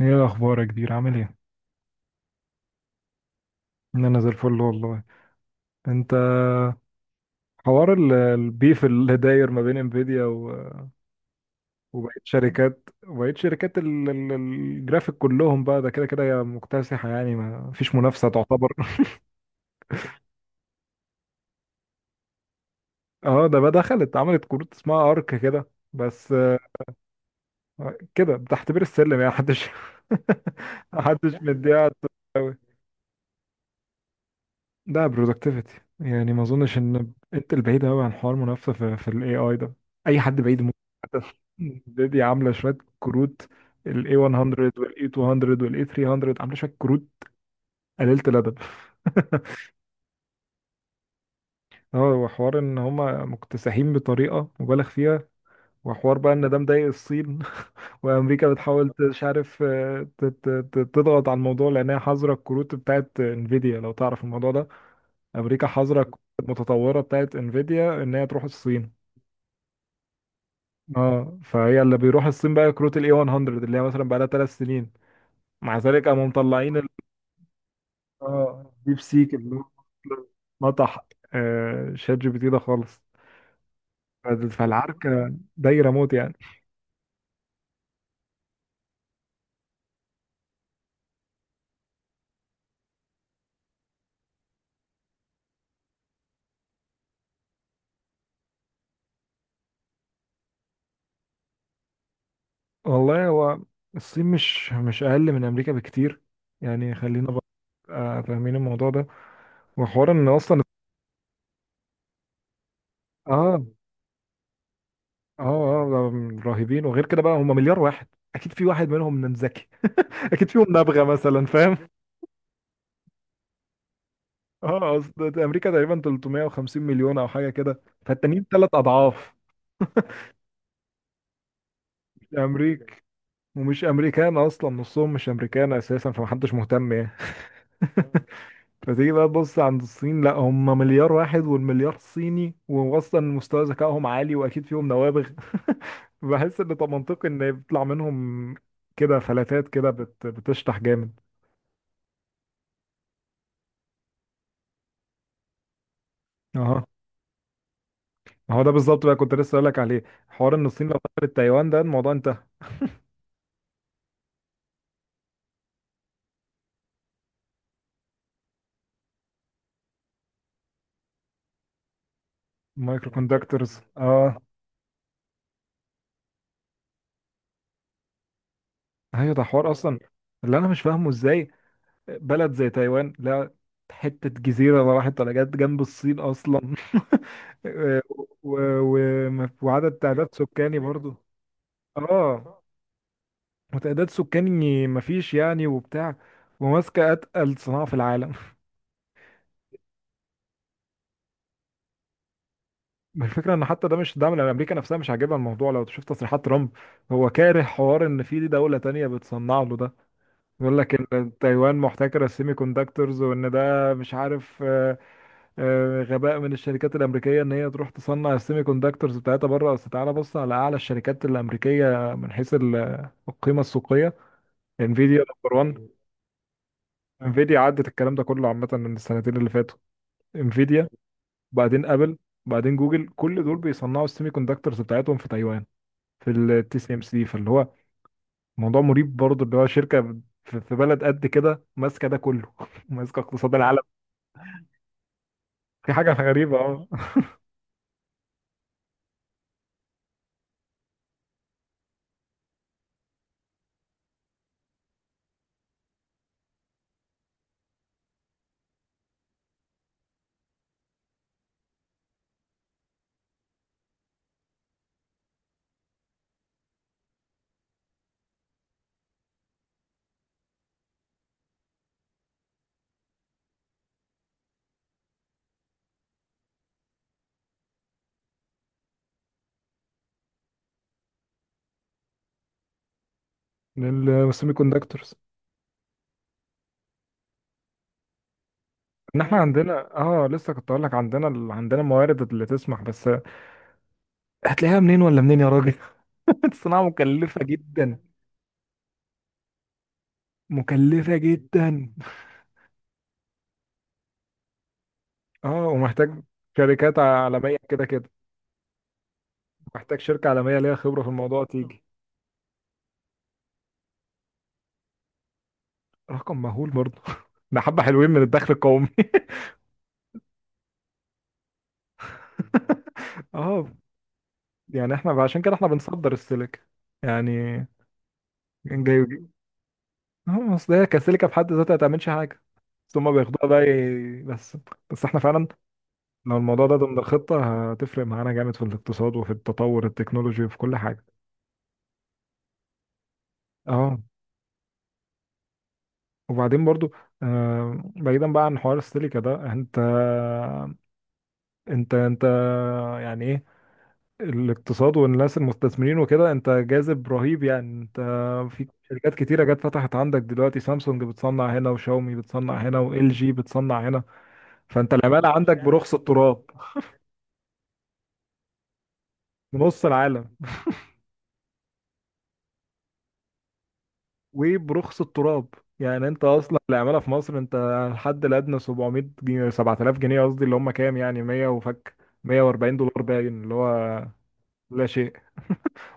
ايه الاخبار يا كبير؟ عامل ايه؟ إن انا زي الفل والله. انت؟ حوار البيف اللي داير ما بين انفيديا وبقيه شركات الجرافيك كلهم. بقى ده كده كده هي مكتسحه، يعني ما فيش منافسه تعتبر. اه، ده بقى دخلت عملت كروت اسمها ارك كده بس. كده بتحتبر السلم، يعني محدش محدش مديها. ده برودكتيفيتي، يعني ما اظنش ان انت البعيد قوي عن حوار منافسه في الاي اي ده. اي حد بعيد ممكن حتى. دي عامله شويه كروت: الاي 100، والاي 200، والاي 300، عامله شويه كروت قليله الادب. اه هو حوار ان هما مكتسحين بطريقه مبالغ فيها، وحوار بقى ان ده مضايق الصين. وامريكا بتحاول مش عارف، تضغط على الموضوع، لانها حظر الكروت بتاعت انفيديا، لو تعرف الموضوع ده. امريكا حظر الكروت المتطوره بتاعت انفيديا ان هي تروح الصين. اه، فهي اللي بيروح الصين بقى كروت الاي 100، اللي هي مثلا بقى لها 3 سنين. مع ذلك قاموا مطلعين اه ديب سيك اللي هو نطح شات جي بي تي ده خالص. فالعركه دايره موت يعني. والله، هو الصين مش اقل من امريكا بكتير، يعني. خلينا بقى فاهمين الموضوع ده. وحوار ان اصلا، اه اه اه، رهيبين. وغير كده، بقى هم مليار واحد، اكيد في واحد منهم ذكي. اكيد فيهم نابغه مثلا، فاهم. اه، اصل امريكا تقريبا 350 مليون او حاجه كده، فالتانيين ثلاث اضعاف. مش امريكا. ومش امريكان اصلا، نصهم مش امريكان اساسا، فمحدش مهتم يعني. فتيجي بقى تبص عند الصين، لا، هم مليار واحد، والمليار صيني، واصلا مستوى ذكائهم عالي، واكيد فيهم نوابغ. بحس ان، طب، منطقي ان يطلع منهم كده فلاتات كده، بتشطح جامد. اها، ما هو ده بالظبط بقى، كنت لسه اقول لك عليه. حوار ان الصين لو دخلت تايوان ده الموضوع انتهى. مايكرو كوندكتورز، اه. ايوه، ده حوار اصلا. اللي انا مش فاهمه، ازاي بلد زي تايوان، لا، حتة جزيرة، ما راحت ولا جت جنب الصين اصلا. و... و... تعداد سكاني برضو. اه، وتعداد سكاني مفيش يعني، وبتاع، وماسكة اتقل صناعة في العالم. الفكرة ان حتى ده، مش ده من امريكا نفسها مش عاجبها الموضوع، لو تشوف تصريحات ترامب. هو كاره حوار ان في دولة تانية بتصنع له ده. بيقول لك ان تايوان محتكره السيمي كوندكتورز، وان ده مش عارف، غباء من الشركات الامريكيه ان هي تروح تصنع السيمي كوندكتورز بتاعتها بره. اصل تعالى بص على اعلى الشركات الامريكيه من حيث القيمه السوقيه: انفيديا نمبر 1. انفيديا عدت الكلام ده كله عامه من السنتين اللي فاتوا. انفيديا، وبعدين ابل، وبعدين جوجل، كل دول بيصنعوا السيمي كوندكتورز بتاعتهم في تايوان، في التي سي ام سي. فاللي هو موضوع مريب برضه، اللي هو شركة في بلد قد كده ماسكة ده كله. ماسكة اقتصاد العالم. في حاجة غريبة، اه. للسيمي كوندكتورز. ان احنا عندنا، اه، لسه كنت اقول لك، عندنا عندنا الموارد اللي تسمح. بس هتلاقيها منين ولا منين يا راجل؟ الصناعة مكلفة جدا، مكلفة جدا. اه، ومحتاج شركات عالمية كده كده، محتاج شركة عالمية ليها خبرة في الموضوع تيجي. رقم مهول برضه. ده حبة حلوين من الدخل القومي. اه، يعني احنا عشان كده احنا بنصدر السيليكا يعني، جاي. اه، اصل هي كسيليكا في حد ذاتها ما تعملش حاجه، بس هما بياخدوها بقى بس، بس احنا فعلا لو الموضوع ده ضمن الخطه هتفرق معانا جامد في الاقتصاد وفي التطور التكنولوجي وفي كل حاجه. اه، وبعدين برضو بعيدا بقى عن حوار السيليكا ده، انت يعني ايه الاقتصاد والناس المستثمرين وكده؟ انت جاذب رهيب يعني. انت في شركات كتيرة جت فتحت عندك دلوقتي: سامسونج بتصنع هنا، وشاومي بتصنع هنا، وال جي بتصنع هنا. فانت العمالة عندك برخص التراب، بنص العالم، وبرخص التراب. يعني انت اصلا العمالة في مصر، انت الحد الادنى 700 جنيه، 7000 جنيه قصدي، اللي هم كام يعني؟ 100 وفك، 140 دولار باين، اللي هو لا شيء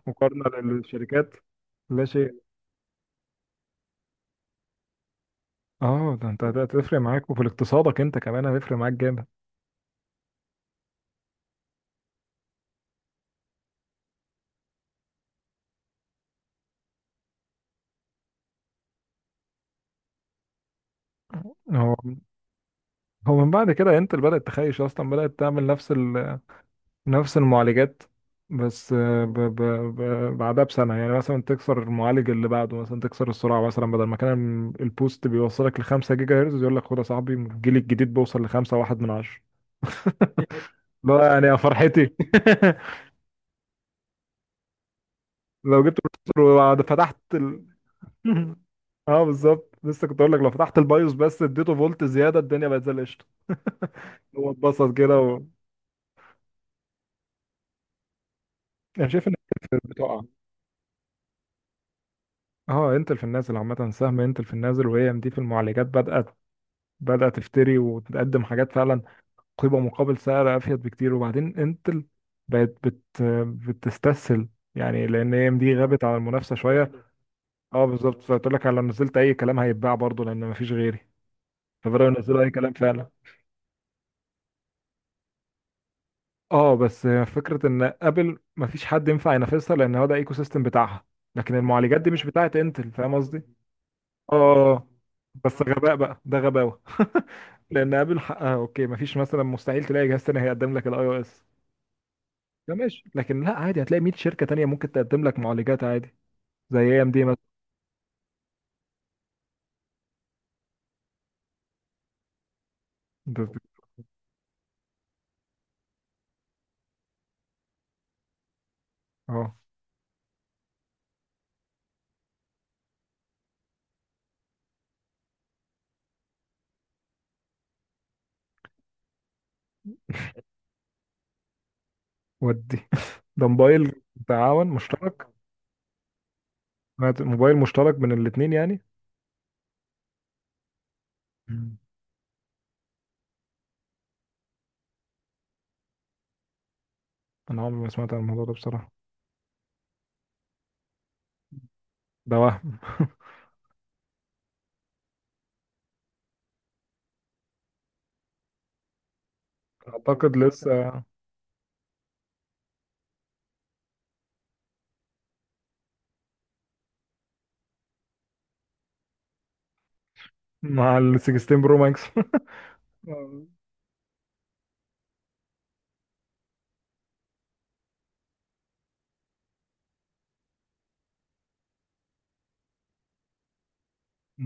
مقارنة للشركات، لا شيء. اه، ده انت هتفرق معاك، وفي اقتصادك انت كمان هتفرق معاك جامد. هو هو من بعد كده انتل بدأت تخيش اصلا، بدأت تعمل نفس نفس المعالجات، بس ب... بعدها بسنة، يعني مثلا تكسر المعالج اللي بعده، مثلا تكسر السرعة. مثلا بدل ما كان البوست بيوصلك لخمسة جيجا هرتز، يقول لك خد يا صاحبي، الجيل الجديد بيوصل لخمسة واحد من عشرة. لا، يعني يا فرحتي. لو جبت البروسيسور وبعد فتحت اه بالظبط، لسه كنت اقول لك، لو فتحت البايوس بس اديته فولت زيادة الدنيا بقت زي القشطة. هو اتبسط كده انا شايف ان بتقع، اه انتل في النازل عامة، سهم انتل في النازل. وهي ام دي في المعالجات بدأت، بدأت تفتري وتقدم حاجات فعلا قيمة مقابل سعر أفيد بكتير. وبعدين انتل بقت بتستسهل، يعني لأن ام دي غابت عن المنافسة شوية. اه بالظبط، فقلت لك لو نزلت أي كلام هيتباع برضه، لأن مفيش غيري. فبدأوا ينزلوا أي كلام فعلا. اه، بس فكرة إن أبل مفيش حد ينفع ينافسها، لأن هو ده ايكو سيستم بتاعها. لكن المعالجات دي مش بتاعت انتل، فاهم قصدي؟ اه، بس غباء بقى، ده غباوه. لان ابل حقها، اوكي، مفيش مثلا، مستحيل تلاقي جهاز تاني هيقدم لك الاي او اس. ده ماشي. لكن لا، عادي هتلاقي 100 شركه تانيه ممكن تقدم لك معالجات عادي، زي اي ام دي مثلا. ده- اه، ودي ده موبايل تعاون مشترك. موبايل مشترك من الاثنين يعني. مم. انا عمري ما سمعت عن الموضوع ده بصراحه. ده وهم. اعتقد لسه مع ال 16 برو ماكس.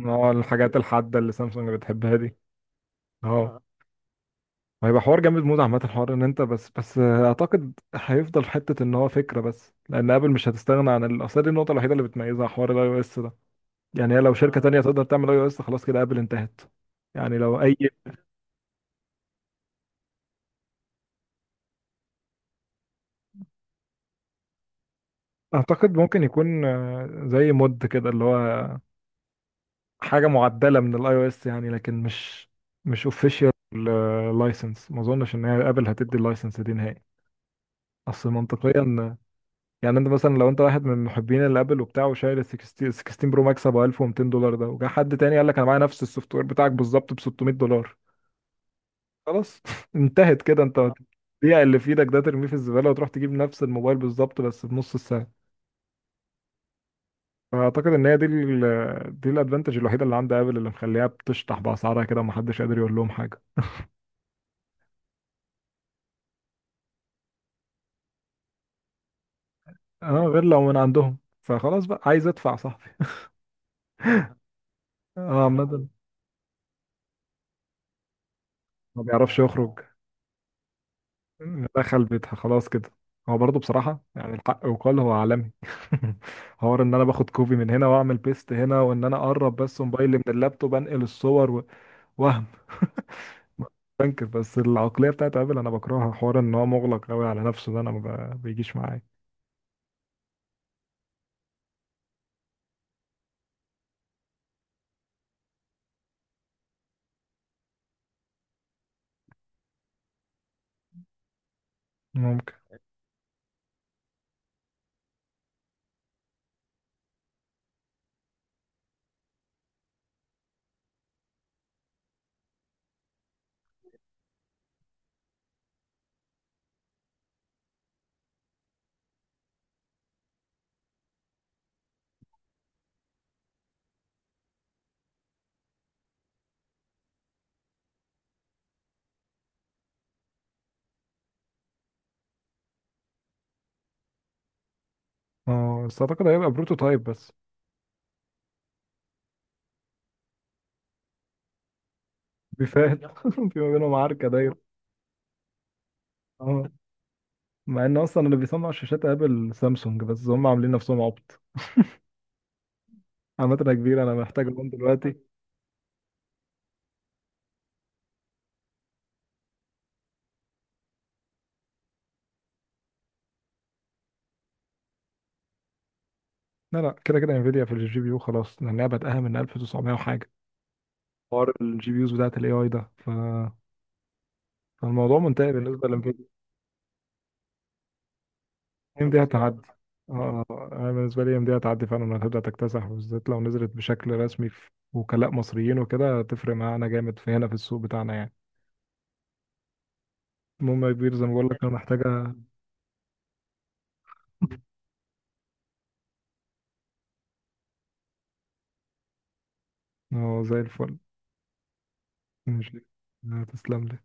اه، الحاجات الحاده اللي سامسونج بتحبها دي. اه، هيبقى حوار جامد موت. عامة، حوار ان انت، بس بس اعتقد هيفضل في حتة ان هو فكرة بس، لان ابل مش هتستغنى عن اصل دي النقطة الوحيدة اللي بتميزها، حوار الاي او اس ده. يعني هي لو شركة تانية تقدر تعمل اي او اس، خلاص كده ابل انتهت. يعني لو اي، اعتقد ممكن يكون زي مود كده، اللي هو حاجة معدلة من الاي او اس يعني، لكن مش اوفيشال لايسنس. ما اظنش ان هي ابل هتدي اللايسنس دي نهائي. اصل منطقيا، يعني انت مثلا لو انت واحد من محبين الابل وبتاع، وشايل ال 16 16 برو ماكس ابو 1200 دولار ده، وجا حد تاني قال لك انا معايا نفس السوفت وير بتاعك بالظبط ب 600 دولار، خلاص. انتهت كده. انت البيع اللي في ايدك ده ترميه في الزباله وتروح تجيب نفس الموبايل بالظبط بس بنص السعر. فاعتقد ان هي دي ال دي الادفانتج الوحيده اللي عند ابل، اللي مخليها بتشطح باسعارها كده ومحدش قادر يقول لهم حاجه. اه، غير لو من عندهم، فخلاص بقى عايز ادفع صاحبي. اه عمدا. ما بيعرفش يخرج، دخل بيتها خلاص كده. هو برضه بصراحة، يعني الحق وقال، هو عالمي. حوار ان انا باخد كوبي من هنا واعمل بيست هنا، وان انا اقرب بس موبايلي من اللابتوب انقل الصور وهم. بنكر، بس العقلية بتاعت ابل انا بكرهها. حوار ان هو مغلق قوي على نفسه، ده انا ما بيجيش معايا. ممكن. اه، بس اعتقد هيبقى بروتوتايب بس. بيفاهم. في ما بينهم عركة دايرة. اه، مع ان اصلا اللي بيصنع شاشات ابل سامسونج، بس هم عاملين نفسهم عبط. عامة يا كبير، انا محتاج اقوم دلوقتي. لا لا، كده كده انفيديا في الجي بي يو خلاص، لانها بدأها من 1900 وحاجه. حوار الجي بي يوز بتاعت الاي اي ده فالموضوع منتهي بالنسبه لانفيديا. ام دي هتعدي. اه، انا بالنسبه لي ام دي هتعدي فعلا، هتبدا تكتسح، بالذات لو نزلت بشكل رسمي في وكلاء مصريين وكده، هتفرق معانا جامد في هنا في السوق بتاعنا يعني. المهم يا كبير، زي ما بقول لك، انا محتاجه. اه، زي الفل. ماشي. تسلم لي